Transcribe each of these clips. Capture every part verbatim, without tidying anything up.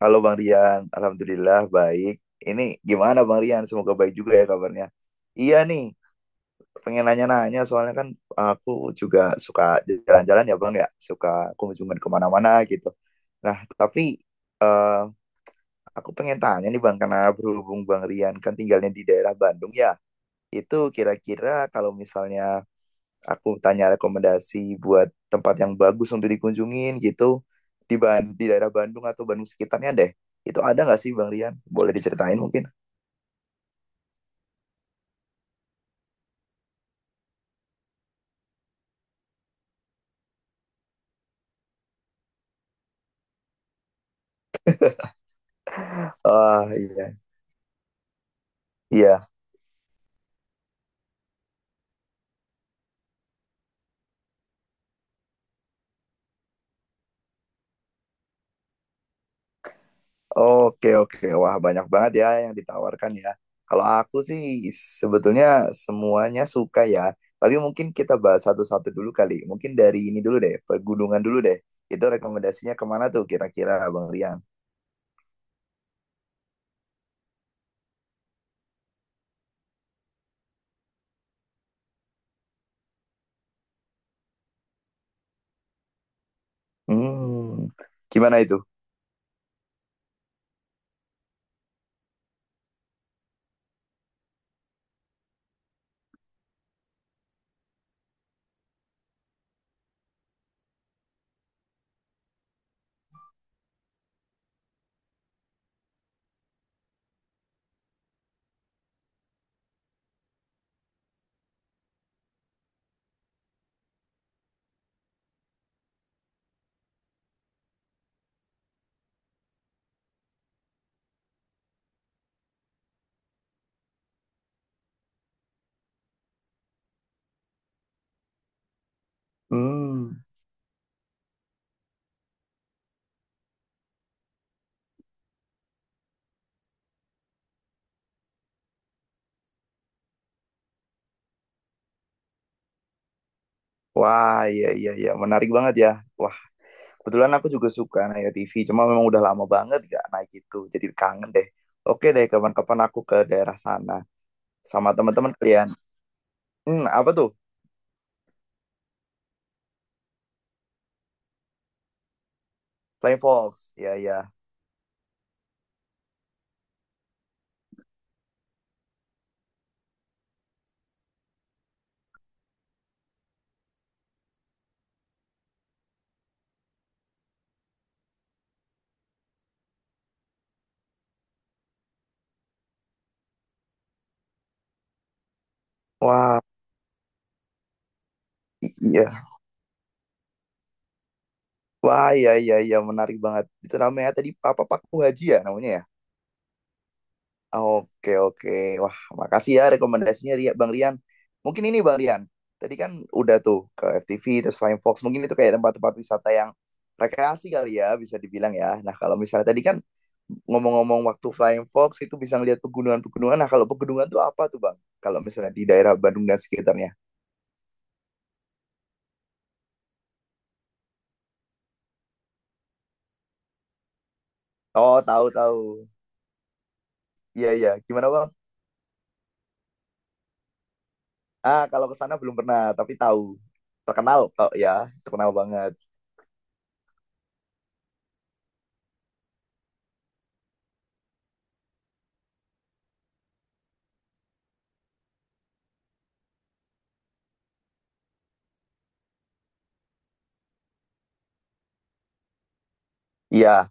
Halo Bang Rian, Alhamdulillah baik. Ini gimana Bang Rian? Semoga baik juga ya kabarnya. Iya nih, pengen nanya-nanya soalnya kan aku juga suka jalan-jalan ya Bang ya, suka kunjungan kemana-mana gitu. Nah, tapi eh, aku pengen tanya nih Bang, karena berhubung Bang Rian kan tinggalnya di daerah Bandung ya, itu kira-kira kalau misalnya aku tanya rekomendasi buat tempat yang bagus untuk dikunjungin gitu di Ban di daerah Bandung atau Bandung sekitarnya deh. Itu ada nggak sih Bang Rian? Boleh diceritain mungkin? Ah iya iya. Oke oke. Wah banyak banget ya yang ditawarkan ya. Kalau aku sih sebetulnya semuanya suka ya. Tapi mungkin kita bahas satu-satu dulu kali. Mungkin dari ini dulu deh, pegunungan dulu deh. Itu rekomendasinya kemana tuh kira-kira Bang Rian? Hmm, gimana itu? Hmm. Wah, iya iya iya, menarik banget ya. Wah, kebetulan aku juga suka Naya T V, cuma memang udah lama banget gak naik itu, jadi kangen deh. Oke deh, kapan-kapan aku ke daerah sana sama teman-teman kalian. Hmm, apa tuh? Flying Fox. Iya iya. Wah, i- iya. Wah, iya iya iya, menarik banget. Itu namanya tadi apa Pak Haji ya namanya ya? Oke oke. Wah, makasih ya rekomendasinya Ria- Bang Rian. Mungkin ini Bang Rian. Tadi kan udah tuh ke F T V terus Flying Fox. Mungkin itu kayak tempat-tempat wisata yang rekreasi kali ya bisa dibilang ya. Nah, kalau misalnya tadi kan ngomong-ngomong waktu Flying Fox itu bisa ngelihat pegunungan-pegunungan. Nah, kalau pegunungan tuh apa tuh Bang? Kalau misalnya di daerah Bandung dan sekitarnya. Oh, tahu tahu. Iya iya. Gimana Bang? Ah, kalau ke sana belum pernah, tapi tahu. Terkenal kok ya, terkenal banget. Iya,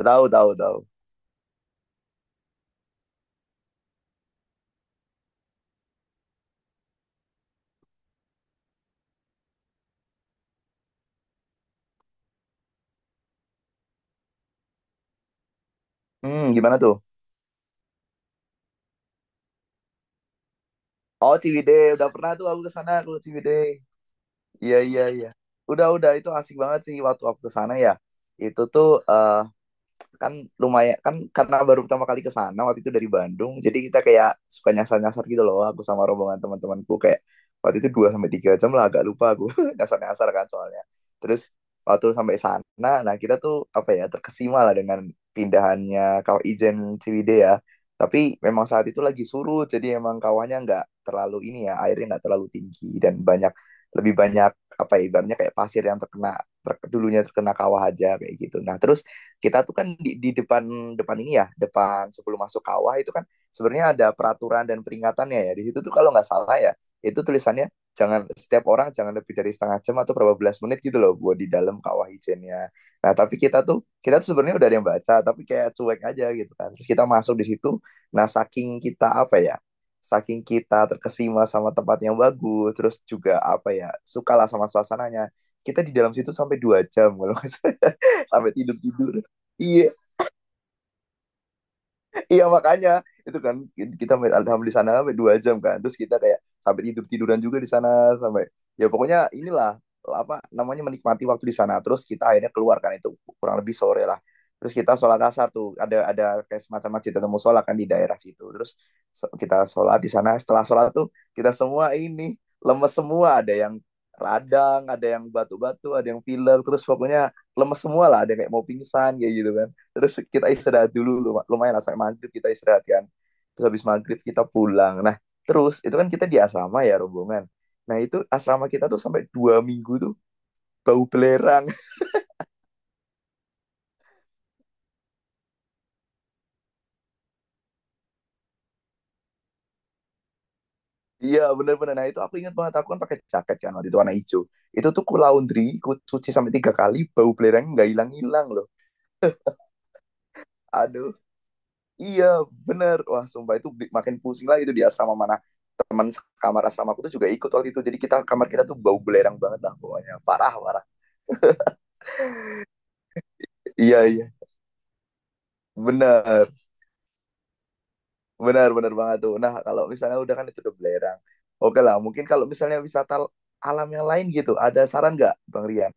tahu tahu tahu. Hmm, gimana tuh? Oh Ciwidey, udah pernah tuh aku ke sana aku ke Ciwidey. Iya iya iya. Udah udah itu asik banget sih waktu aku ke sana ya. Itu tuh eh kan lumayan kan karena baru pertama kali ke sana waktu itu dari Bandung jadi kita kayak suka nyasar-nyasar gitu loh aku sama rombongan teman-temanku kayak waktu itu dua sampai tiga jam lah agak lupa aku nyasar-nyasar kan soalnya terus waktu sampai sana nah kita tuh apa ya terkesima lah dengan pindahannya kawah Ijen Ciwidey ya tapi memang saat itu lagi surut jadi emang kawahnya nggak terlalu ini ya airnya nggak terlalu tinggi dan banyak lebih banyak apa ya, ibaratnya kayak pasir yang terkena ter, dulunya terkena kawah aja kayak gitu. Nah, terus kita tuh kan di, di depan depan ini ya depan sebelum masuk kawah itu kan sebenarnya ada peraturan dan peringatannya ya di situ tuh kalau nggak salah ya itu tulisannya jangan setiap orang jangan lebih dari setengah jam atau berapa belas menit gitu loh buat di dalam kawah ijennya. Nah tapi kita tuh kita tuh sebenarnya udah ada yang baca tapi kayak cuek aja gitu kan. Terus kita masuk di situ, nah saking kita apa ya, saking kita terkesima sama tempat yang bagus, terus juga apa ya sukalah sama suasananya. Kita di dalam situ sampai dua jam kalau sampai tidur tidur. Iya, iya makanya itu kan kita main Arkham di sana sampai dua jam kan. Terus kita kayak sampai tidur tiduran juga di sana sampai ya pokoknya inilah apa namanya menikmati waktu di sana. Terus kita akhirnya keluar kan itu kurang lebih sore lah. Terus kita sholat asar tuh ada ada kayak semacam masjid atau musola kan di daerah situ. Terus so- kita sholat di sana. Setelah sholat tuh kita semua ini lemes semua. Ada yang radang, ada yang batu-batu, ada yang pilek. Terus pokoknya lemes semua lah. Ada yang kayak mau pingsan kayak gitu kan terus kita istirahat dulu lumayan lah, sampai maghrib kita istirahat kan terus habis maghrib kita pulang nah terus itu kan kita di asrama ya rombongan nah itu asrama kita tuh sampai dua minggu tuh bau belerang iya bener-bener nah itu aku ingat banget aku kan pakai jaket kan waktu itu warna hijau itu tuh ku laundry ku cuci sampai tiga kali bau belerang nggak hilang-hilang loh aduh Iya bener Wah sumpah itu makin pusing lah itu di asrama mana Teman kamar asrama aku tuh juga ikut waktu itu Jadi kita kamar kita tuh bau belerang banget lah pokoknya Parah parah Iya iya Bener, bener, bener banget tuh. Nah, kalau misalnya udah kan itu udah belerang. Oke lah, mungkin kalau misalnya wisata alam yang lain gitu, ada saran nggak, Bang Rian?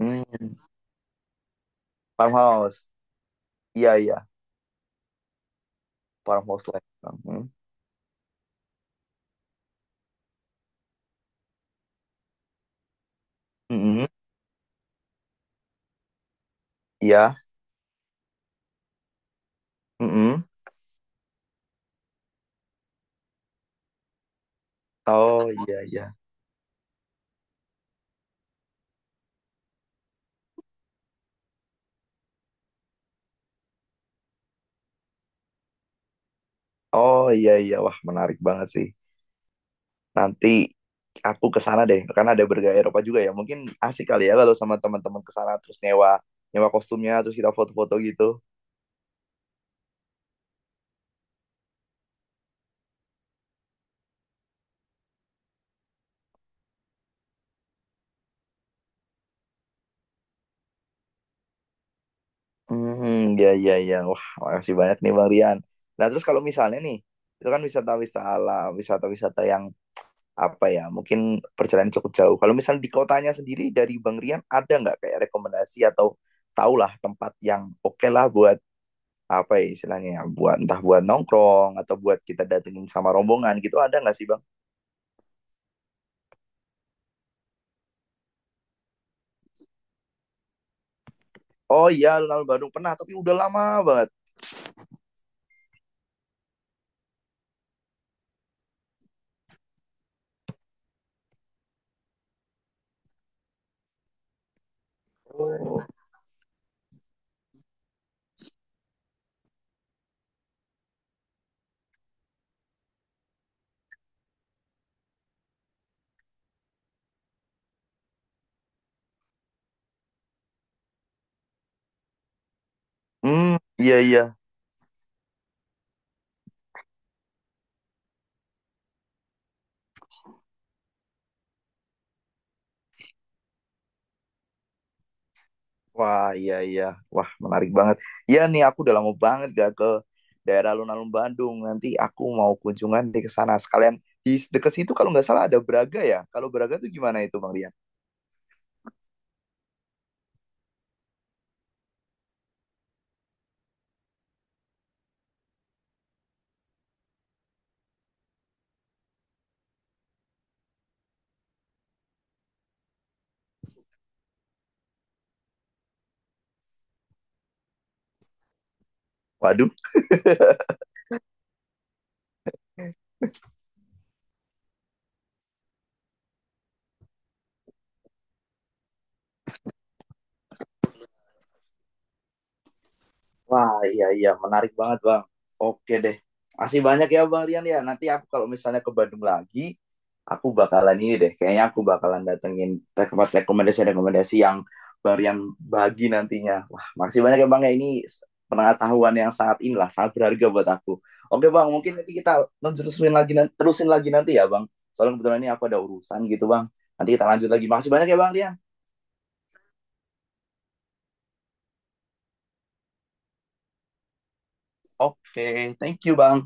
Hmm, farmhouse. Iya, iya, farmhouse lah. Hmm. Mm-mm. Iya. Mm-mm. Oh, iya, iya. Oh, iya, iya. Wah, menarik banget sih. Nanti aku ke sana deh, karena ada bergaya Eropa juga ya. Mungkin asik kali ya kalau sama teman-teman ke sana terus nyewa nyewa kostumnya terus kita foto-foto gitu. Hmm, ya, ya, ya. Wah, makasih banyak nih Bang Rian. Nah, terus kalau misalnya nih, itu kan wisata-wisata alam, wisata-wisata yang apa ya, mungkin perjalanan cukup jauh. Kalau misalnya di kotanya sendiri dari Bang Rian, ada nggak kayak rekomendasi atau tahulah tempat yang oke lah buat apa ya istilahnya, ya, buat entah buat nongkrong atau buat kita datengin sama rombongan gitu, ada nggak sih Bang? Oh iya, alun-alun Bandung pernah, tapi udah lama banget. Oh. Hmm, iya, iya. Wah, iya iya. Wah, menarik banget. Iya nih aku udah lama banget gak ke daerah alun-alun Bandung. Nanti aku mau kunjungan di ke sana sekalian. Di dekat situ kalau nggak salah ada Braga ya. Kalau Braga tuh gimana itu Bang Rian? Waduh. Wah, iya iya, menarik banget Bang. Oke deh. Masih banyak ya Bang Rian ya. Nanti aku kalau misalnya ke Bandung lagi, aku bakalan ini deh kayaknya aku bakalan datengin tempat rekomendasi-rekomendasi yang baru yang bagi nantinya wah makasih banyak ya bang ya ini pengetahuan yang sangat inilah sangat berharga buat aku oke bang mungkin nanti kita terusin lagi nan- terusin lagi nanti ya bang soalnya kebetulan ini aku ada urusan gitu bang nanti kita lanjut lagi makasih banyak ya bang Rian oke thank you bang